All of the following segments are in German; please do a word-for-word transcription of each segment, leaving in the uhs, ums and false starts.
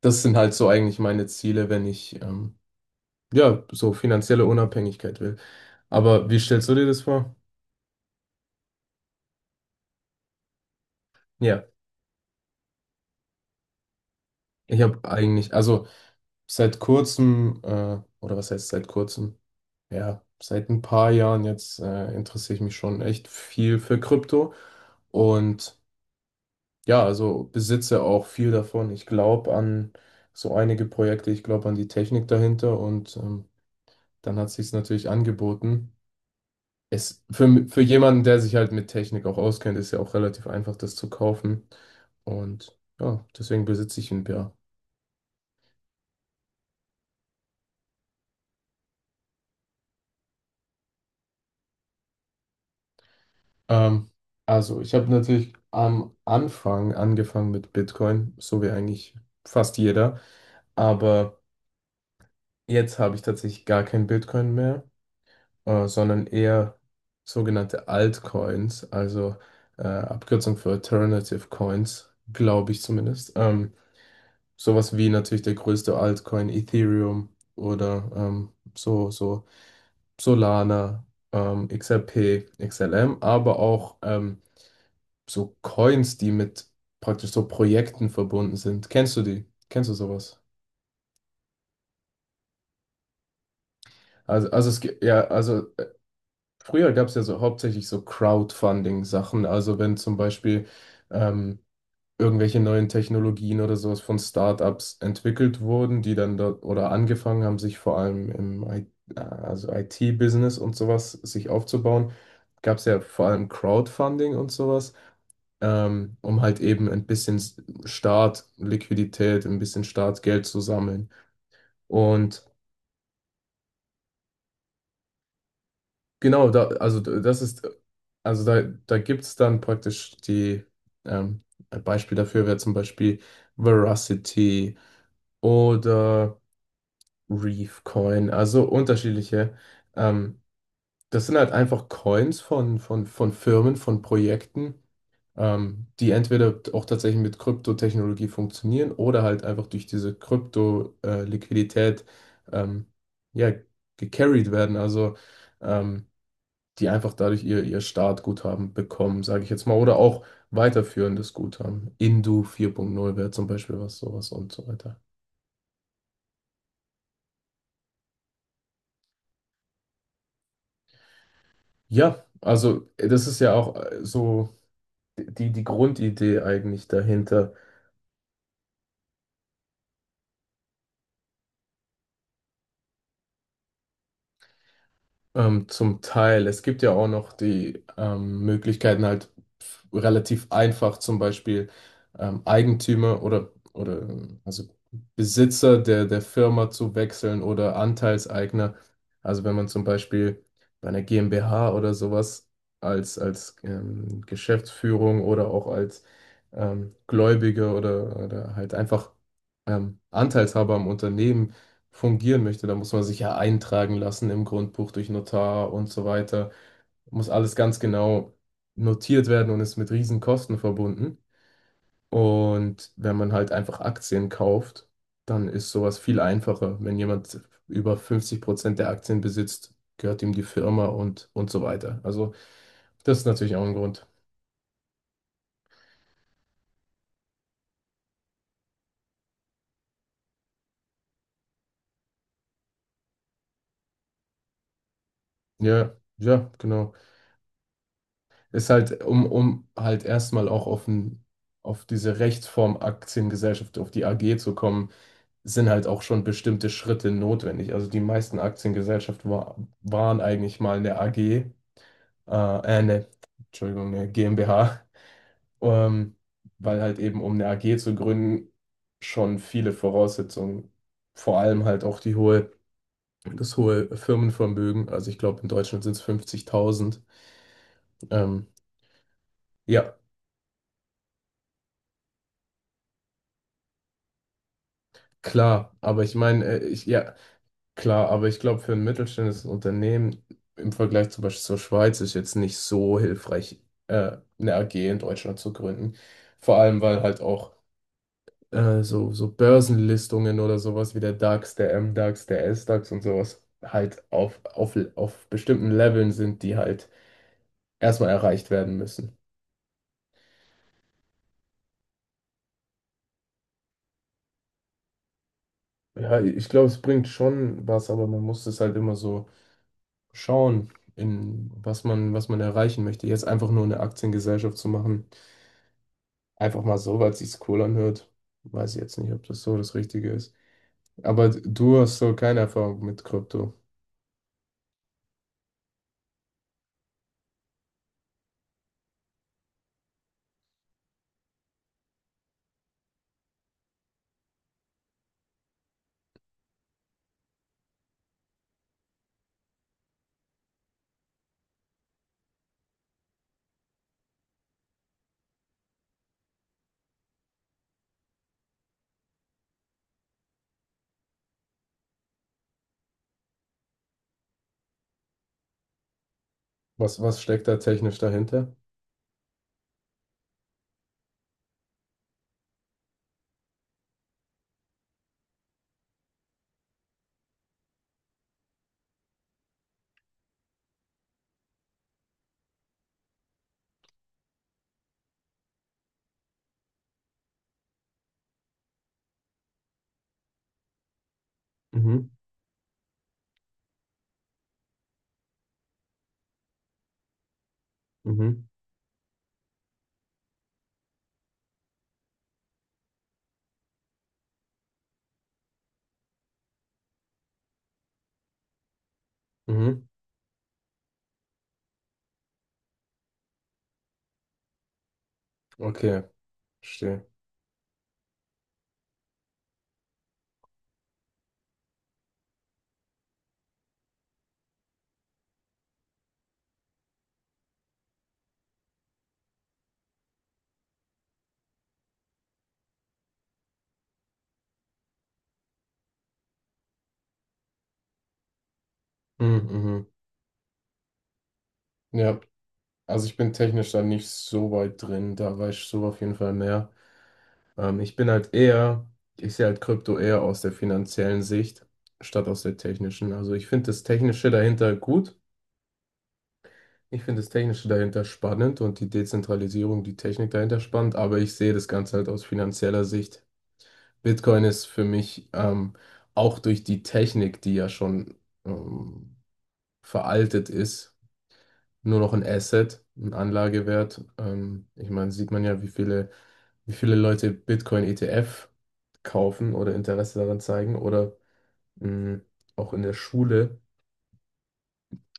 Das sind halt so eigentlich meine Ziele, wenn ich ähm, ja so finanzielle Unabhängigkeit will. Aber wie stellst du dir das vor? Ja, ich habe eigentlich, also seit kurzem, äh, oder was heißt seit kurzem? Ja, seit ein paar Jahren jetzt äh, interessiere ich mich schon echt viel für Krypto und ja, also besitze auch viel davon. Ich glaube an so einige Projekte, ich glaube an die Technik dahinter, und ähm, dann hat sich's natürlich angeboten. Es, für, für jemanden, der sich halt mit Technik auch auskennt, ist ja auch relativ einfach, das zu kaufen. Und ja, deswegen besitze ich einen Bär. Ähm, also, ich habe natürlich am Anfang angefangen mit Bitcoin, so wie eigentlich fast jeder. Aber jetzt habe ich tatsächlich gar kein Bitcoin mehr, äh, sondern eher sogenannte Altcoins, also äh, Abkürzung für Alternative Coins, glaube ich zumindest. Ähm, Sowas wie natürlich der größte Altcoin Ethereum oder ähm, so, so Solana, ähm, X R P, X L M, aber auch ähm, so Coins, die mit praktisch so Projekten verbunden sind. Kennst du die? Kennst du sowas? Also, also es gibt ja, also früher gab es ja so hauptsächlich so Crowdfunding-Sachen. Also wenn zum Beispiel ähm, irgendwelche neuen Technologien oder sowas von Startups entwickelt wurden, die dann dort oder angefangen haben, sich vor allem im I- also I T-Business und sowas sich aufzubauen, gab es ja vor allem Crowdfunding und sowas, ähm, um halt eben ein bisschen S- Startliquidität, ein bisschen Startgeld zu sammeln. Und genau, da, also d- das ist, also da, da gibt es dann praktisch die, ähm, ein Beispiel dafür wäre zum Beispiel Veracity oder Reef Coin, also unterschiedliche. Ähm, Das sind halt einfach Coins von, von, von Firmen, von Projekten, ähm, die entweder auch tatsächlich mit Kryptotechnologie funktionieren oder halt einfach durch diese Krypto-Liquidität, ähm, ja, gecarried werden. Also ähm, die einfach dadurch ihr, ihr Startguthaben bekommen, sage ich jetzt mal, oder auch weiterführendes Guthaben. Indu vier Punkt null wäre zum Beispiel was, sowas und so weiter. Ja, also das ist ja auch äh, so. Die, die Grundidee eigentlich dahinter. Ähm, zum Teil. Es gibt ja auch noch die ähm, Möglichkeiten, halt relativ einfach zum Beispiel ähm, Eigentümer oder, oder ähm, also Besitzer der, der Firma zu wechseln oder Anteilseigner. Also wenn man zum Beispiel bei einer GmbH oder sowas als, als ähm, Geschäftsführung oder auch als ähm, Gläubiger oder, oder halt einfach ähm, Anteilshaber am Unternehmen fungieren möchte, dann muss man sich ja eintragen lassen im Grundbuch durch Notar und so weiter. Muss alles ganz genau notiert werden und ist mit riesen Kosten verbunden. Und wenn man halt einfach Aktien kauft, dann ist sowas viel einfacher. Wenn jemand über fünfzig Prozent der Aktien besitzt, gehört ihm die Firma und, und so weiter. Also das ist natürlich auch ein Grund. Ja, ja, genau. Ist halt, um, um halt erstmal auch auf, ein, auf diese Rechtsform Aktiengesellschaft, auf die A G zu kommen, sind halt auch schon bestimmte Schritte notwendig. Also die meisten Aktiengesellschaften wa waren eigentlich mal eine A G, äh, äh, ne, Entschuldigung, eine GmbH, ähm, weil halt eben, um eine A G zu gründen, schon viele Voraussetzungen, vor allem halt auch die hohe, das hohe Firmenvermögen. Also ich glaube, in Deutschland sind es fünfzigtausend. Ähm, ja, klar, aber ich meine, äh, ich, ja. Klar, aber ich glaube, für ein mittelständisches Unternehmen im Vergleich zum Beispiel zur Schweiz ist jetzt nicht so hilfreich, äh, eine A G in Deutschland zu gründen. Vor allem, weil halt auch äh, so, so Börsenlistungen oder sowas wie der DAX, der M Dax, der S Dax und sowas halt auf, auf, auf bestimmten Leveln sind, die halt erstmal erreicht werden müssen. Ja, ich glaube, es bringt schon was, aber man muss es halt immer so schauen, in was man, was man erreichen möchte. Jetzt einfach nur eine Aktiengesellschaft zu machen. Einfach mal so, weil es sich cool anhört. Weiß ich jetzt nicht, ob das so das Richtige ist. Aber du hast so keine Erfahrung mit Krypto. Was, was steckt da technisch dahinter? Mhm, mhm, mhm. Okay, verstehe. Mhm, mhm. Ja, also ich bin technisch da nicht so weit drin, da weiß ich so auf jeden Fall mehr. Ähm, ich bin halt eher, ich sehe halt Krypto eher aus der finanziellen Sicht, statt aus der technischen. Also ich finde das Technische dahinter gut. Ich finde das Technische dahinter spannend und die Dezentralisierung, die Technik dahinter spannend, aber ich sehe das Ganze halt aus finanzieller Sicht. Bitcoin ist für mich, ähm, auch durch die Technik, die ja schon ähm, veraltet ist, nur noch ein Asset, ein Anlagewert. Ähm, ich meine, sieht man ja, wie viele, wie viele Leute Bitcoin-E T F kaufen oder Interesse daran zeigen oder mh, auch in der Schule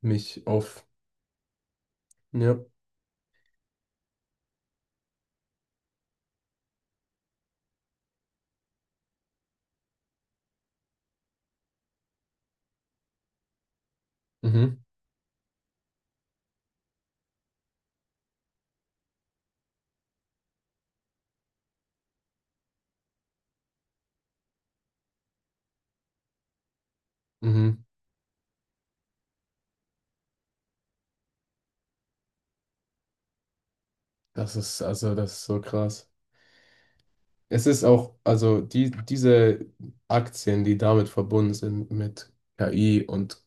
mich auf, ja, mhm, mhm, das ist also, das ist so krass. Es ist auch, also die, diese Aktien, die damit verbunden sind mit K I und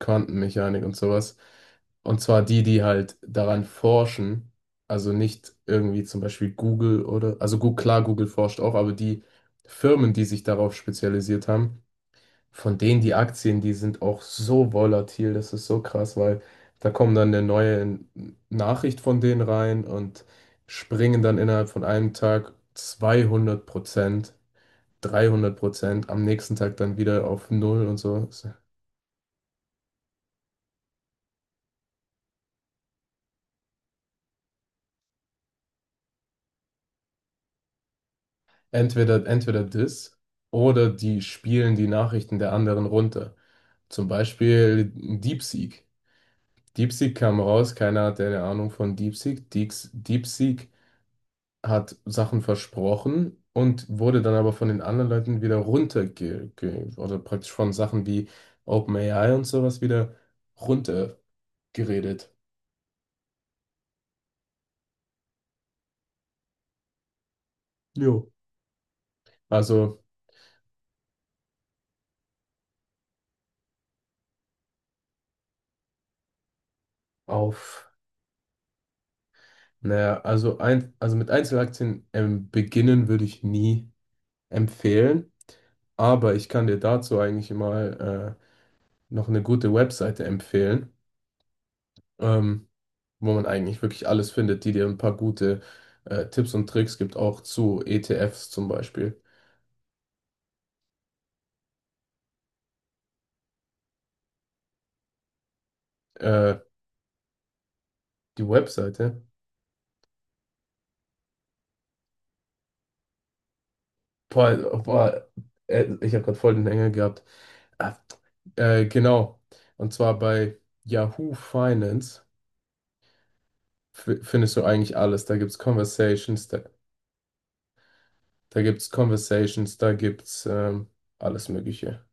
Quantenmechanik und sowas, und zwar die, die halt daran forschen, also nicht irgendwie zum Beispiel Google oder, also gut, klar, Google forscht auch, aber die Firmen, die sich darauf spezialisiert haben, von denen die Aktien, die sind auch so volatil, das ist so krass, weil da kommen dann eine neue Nachricht von denen rein und springen dann innerhalb von einem Tag zweihundert Prozent, dreihundert Prozent, am nächsten Tag dann wieder auf Null und so. Entweder, entweder das oder die spielen die Nachrichten der anderen runter. Zum Beispiel DeepSeek. DeepSeek kam raus, keiner hatte eine Ahnung von DeepSeek. Deeks DeepSeek hat Sachen versprochen und wurde dann aber von den anderen Leuten wieder runterge ge- oder praktisch von Sachen wie OpenAI und sowas wieder runtergeredet. Jo. Also auf, naja, also ein, also mit Einzelaktien ähm, beginnen würde ich nie empfehlen, aber ich kann dir dazu eigentlich mal äh, noch eine gute Webseite empfehlen, ähm, wo man eigentlich wirklich alles findet, die dir ein paar gute äh, Tipps und Tricks gibt, auch zu E T Fs zum Beispiel. Äh, die Webseite. Boah, boah, äh, ich habe gerade voll den Hänger gehabt. Ah, äh, genau. Und zwar bei Yahoo Finance f- findest du eigentlich alles. Da gibt's Conversations, da, da gibt's Conversations, da gibt's ähm, alles Mögliche.